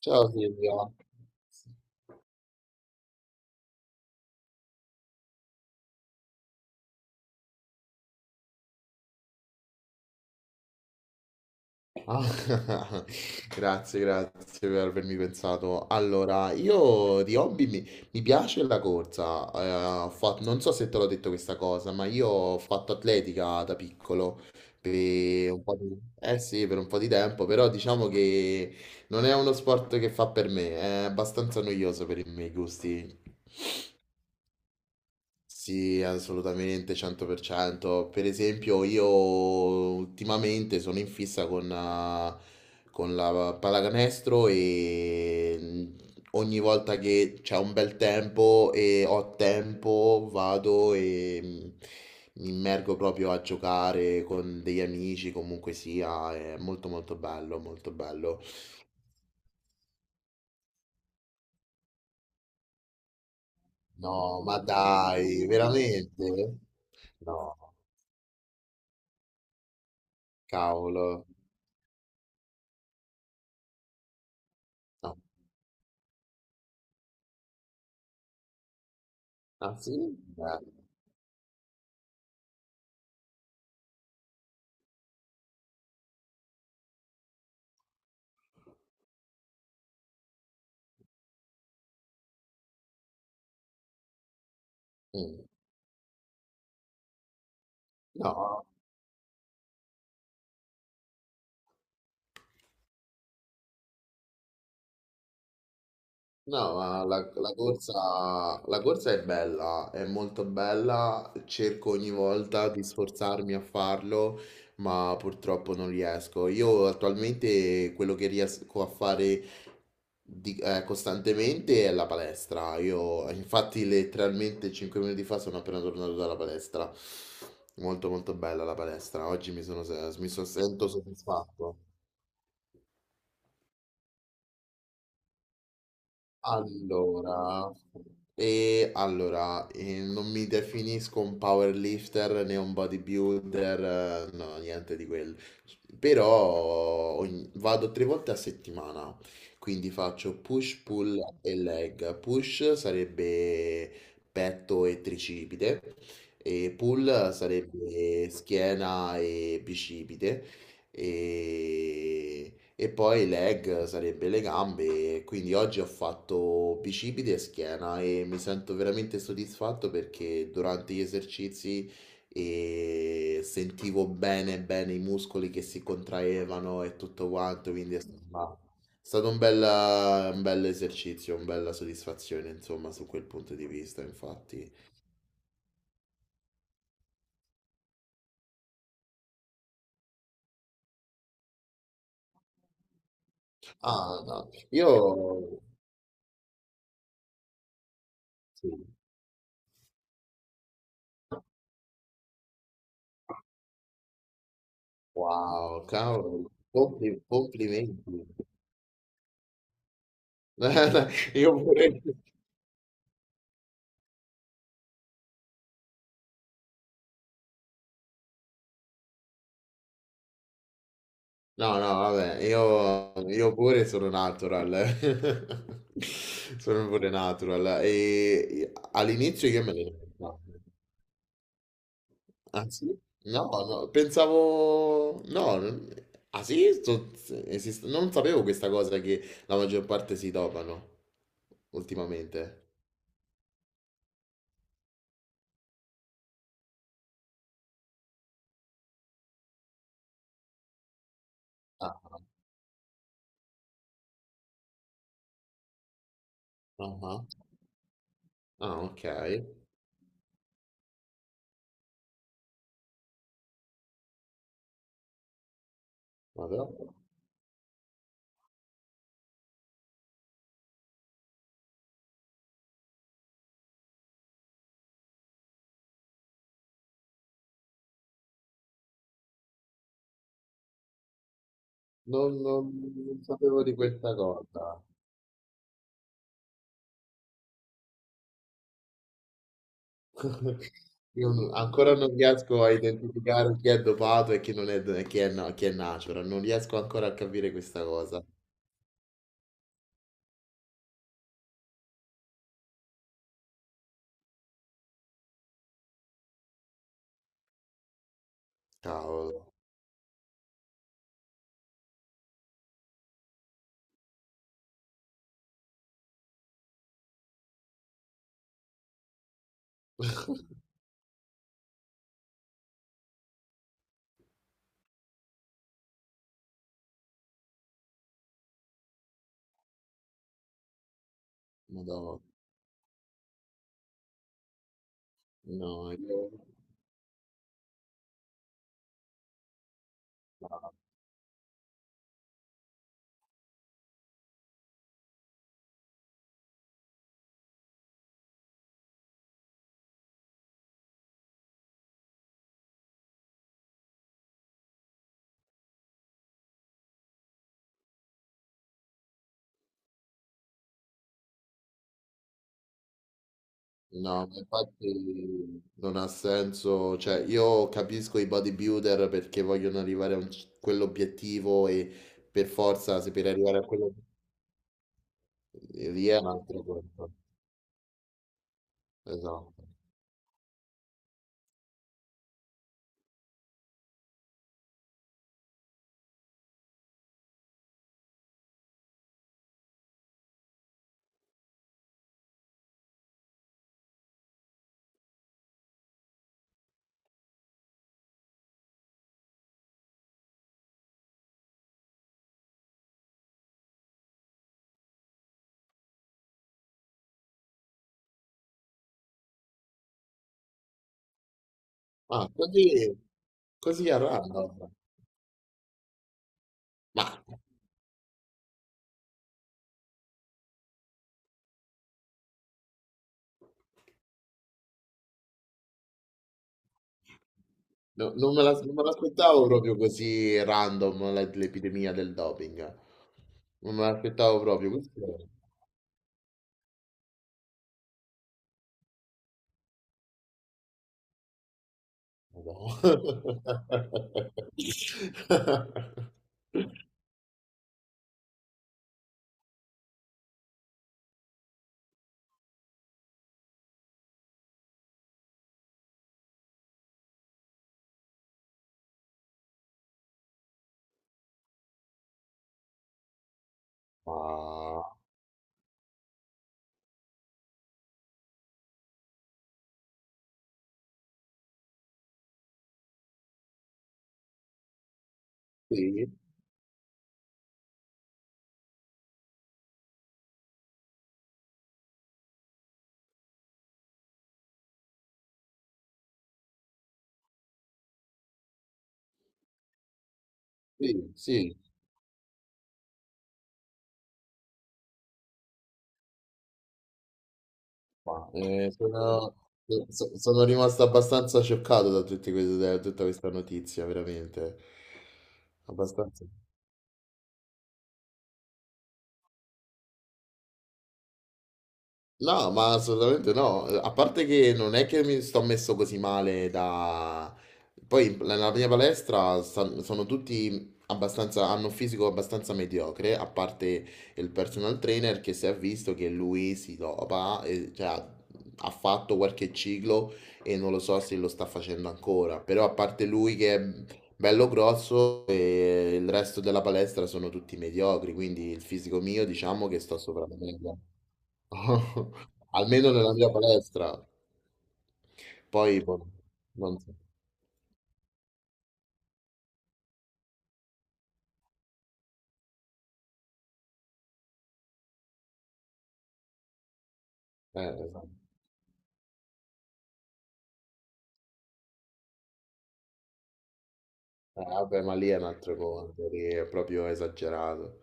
Ciao Silvia. Ah, grazie per avermi pensato. Allora, io di hobby mi piace la corsa. Non so se te l'ho detto questa cosa, ma io ho fatto atletica da piccolo per un po' di, eh sì, per un po' di tempo, però diciamo che non è uno sport che fa per me, è abbastanza noioso per i miei gusti. Sì, assolutamente, 100%. Per cento. Per esempio, io ultimamente sono in fissa con la pallacanestro ogni volta che c'è un bel tempo e ho tempo vado mi immergo proprio a giocare con degli amici, comunque sia, è molto molto bello, molto bello. No, ma dai, veramente? No, cavolo. No. Ah sì? Mm. No, no, ma la corsa è bella, è molto bella, cerco ogni volta di sforzarmi a farlo, ma purtroppo non riesco. Io attualmente quello che riesco a fare costantemente è la palestra. Io infatti letteralmente 5 minuti fa sono appena tornato dalla palestra. Molto molto bella la palestra. Oggi mi sono, mi so- sento soddisfatto. Allora, non mi definisco un powerlifter né un bodybuilder, no, niente di quello. Però vado tre volte a settimana, quindi faccio push, pull e leg. Push sarebbe petto e tricipite, e pull sarebbe schiena e bicipite. E e poi leg sarebbe le gambe, quindi oggi ho fatto bicipiti e schiena e mi sento veramente soddisfatto perché durante gli esercizi sentivo bene bene i muscoli che si contraevano e tutto quanto, quindi è stato un bel esercizio, una bella soddisfazione, insomma, su quel punto di vista, infatti. Ah, no, io... sì. Wow, cavolo, complimenti. Io pure no, no, vabbè, io pure sono natural. Sono pure natural. E all'inizio io me ne no. Ah, sì? No, no, pensavo no, ah sì? Non sapevo questa cosa che la maggior parte si dopano ultimamente. Ah, ah, ah, ah, ok. Ma però non, non- non sapevo di questa cosa. Io non- Ancora non riesco a identificare chi è dopato e chi non è, e chi è, chi è natural, non riesco ancora a capire questa cosa. Cavolo, madonna, no, no, ma infatti non ha senso, cioè io capisco i bodybuilder perché vogliono arrivare a quell'obiettivo e per forza se per arrivare a quello lì è un altro conto. Esatto. Ah, così, così a random. Ma no, non me l'aspettavo proprio così random l'epidemia del doping. Non me l'aspettavo proprio. Questo è- Madò. Ma sì, sì, sì, ma, eh, sono, sono rimasto abbastanza scioccato da tutti da tutta questa notizia, veramente. Abbastanza. No, ma assolutamente no. A parte che non è che mi sto messo così male da... Poi nella mia palestra sono tutti abbastanza, hanno un fisico abbastanza mediocre, a parte il personal trainer che si è visto che lui si dopa, e, cioè ha fatto qualche ciclo e non lo so se lo sta facendo ancora, però a parte lui che è bello grosso e il resto della palestra sono tutti mediocri, quindi il fisico mio diciamo che sto sopra la media. Almeno nella mia palestra. Poi, boh, non so. Esatto. Vabbè, ma lì è un altro conto, lì è proprio esagerato.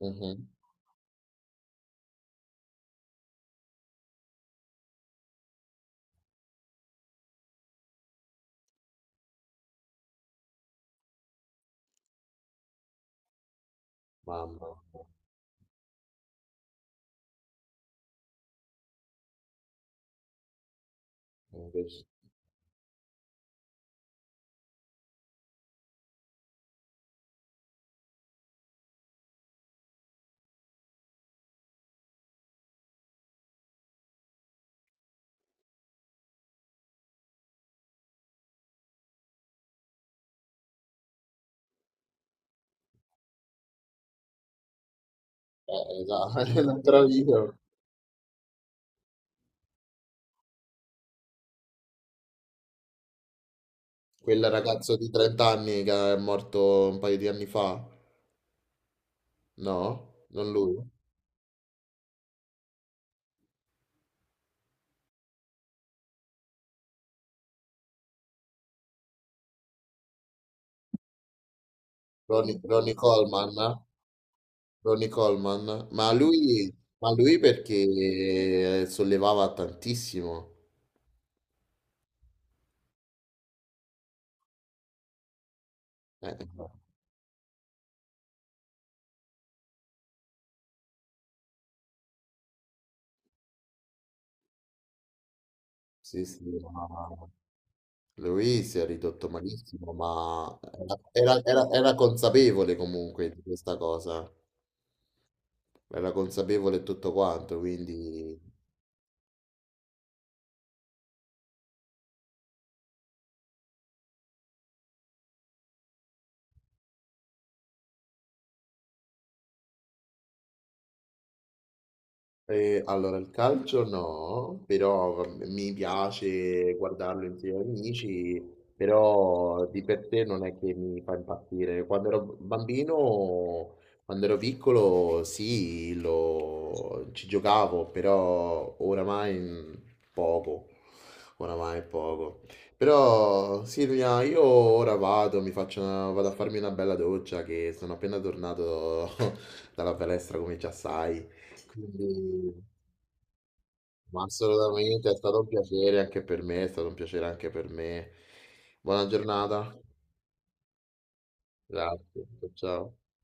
Mhm. Mamma mia. Invece- esatto, è un altro video. Quel ragazzo di 30 anni che è morto un paio di anni fa. No? Non lui? Ronnie Coleman? Ronnie Coleman? Ma lui perché sollevava tantissimo. Eh, sì, sì, ma lui si è ridotto malissimo, ma era consapevole comunque di questa cosa, era consapevole tutto quanto, quindi... Allora il calcio no, però va mi piace guardarlo insieme agli amici, però di per sé non è che mi fa impazzire. Quando ero b bambino, quando ero piccolo sì, lo ci giocavo, però oramai, poco. Oramai poco. Però Silvia, io ora vado, mi faccio una vado a farmi una bella doccia che sono appena tornato dalla palestra come già sai. Quindi, ma assolutamente è stato un piacere anche per me, è stato un piacere anche per me. Buona giornata. Grazie. Ciao.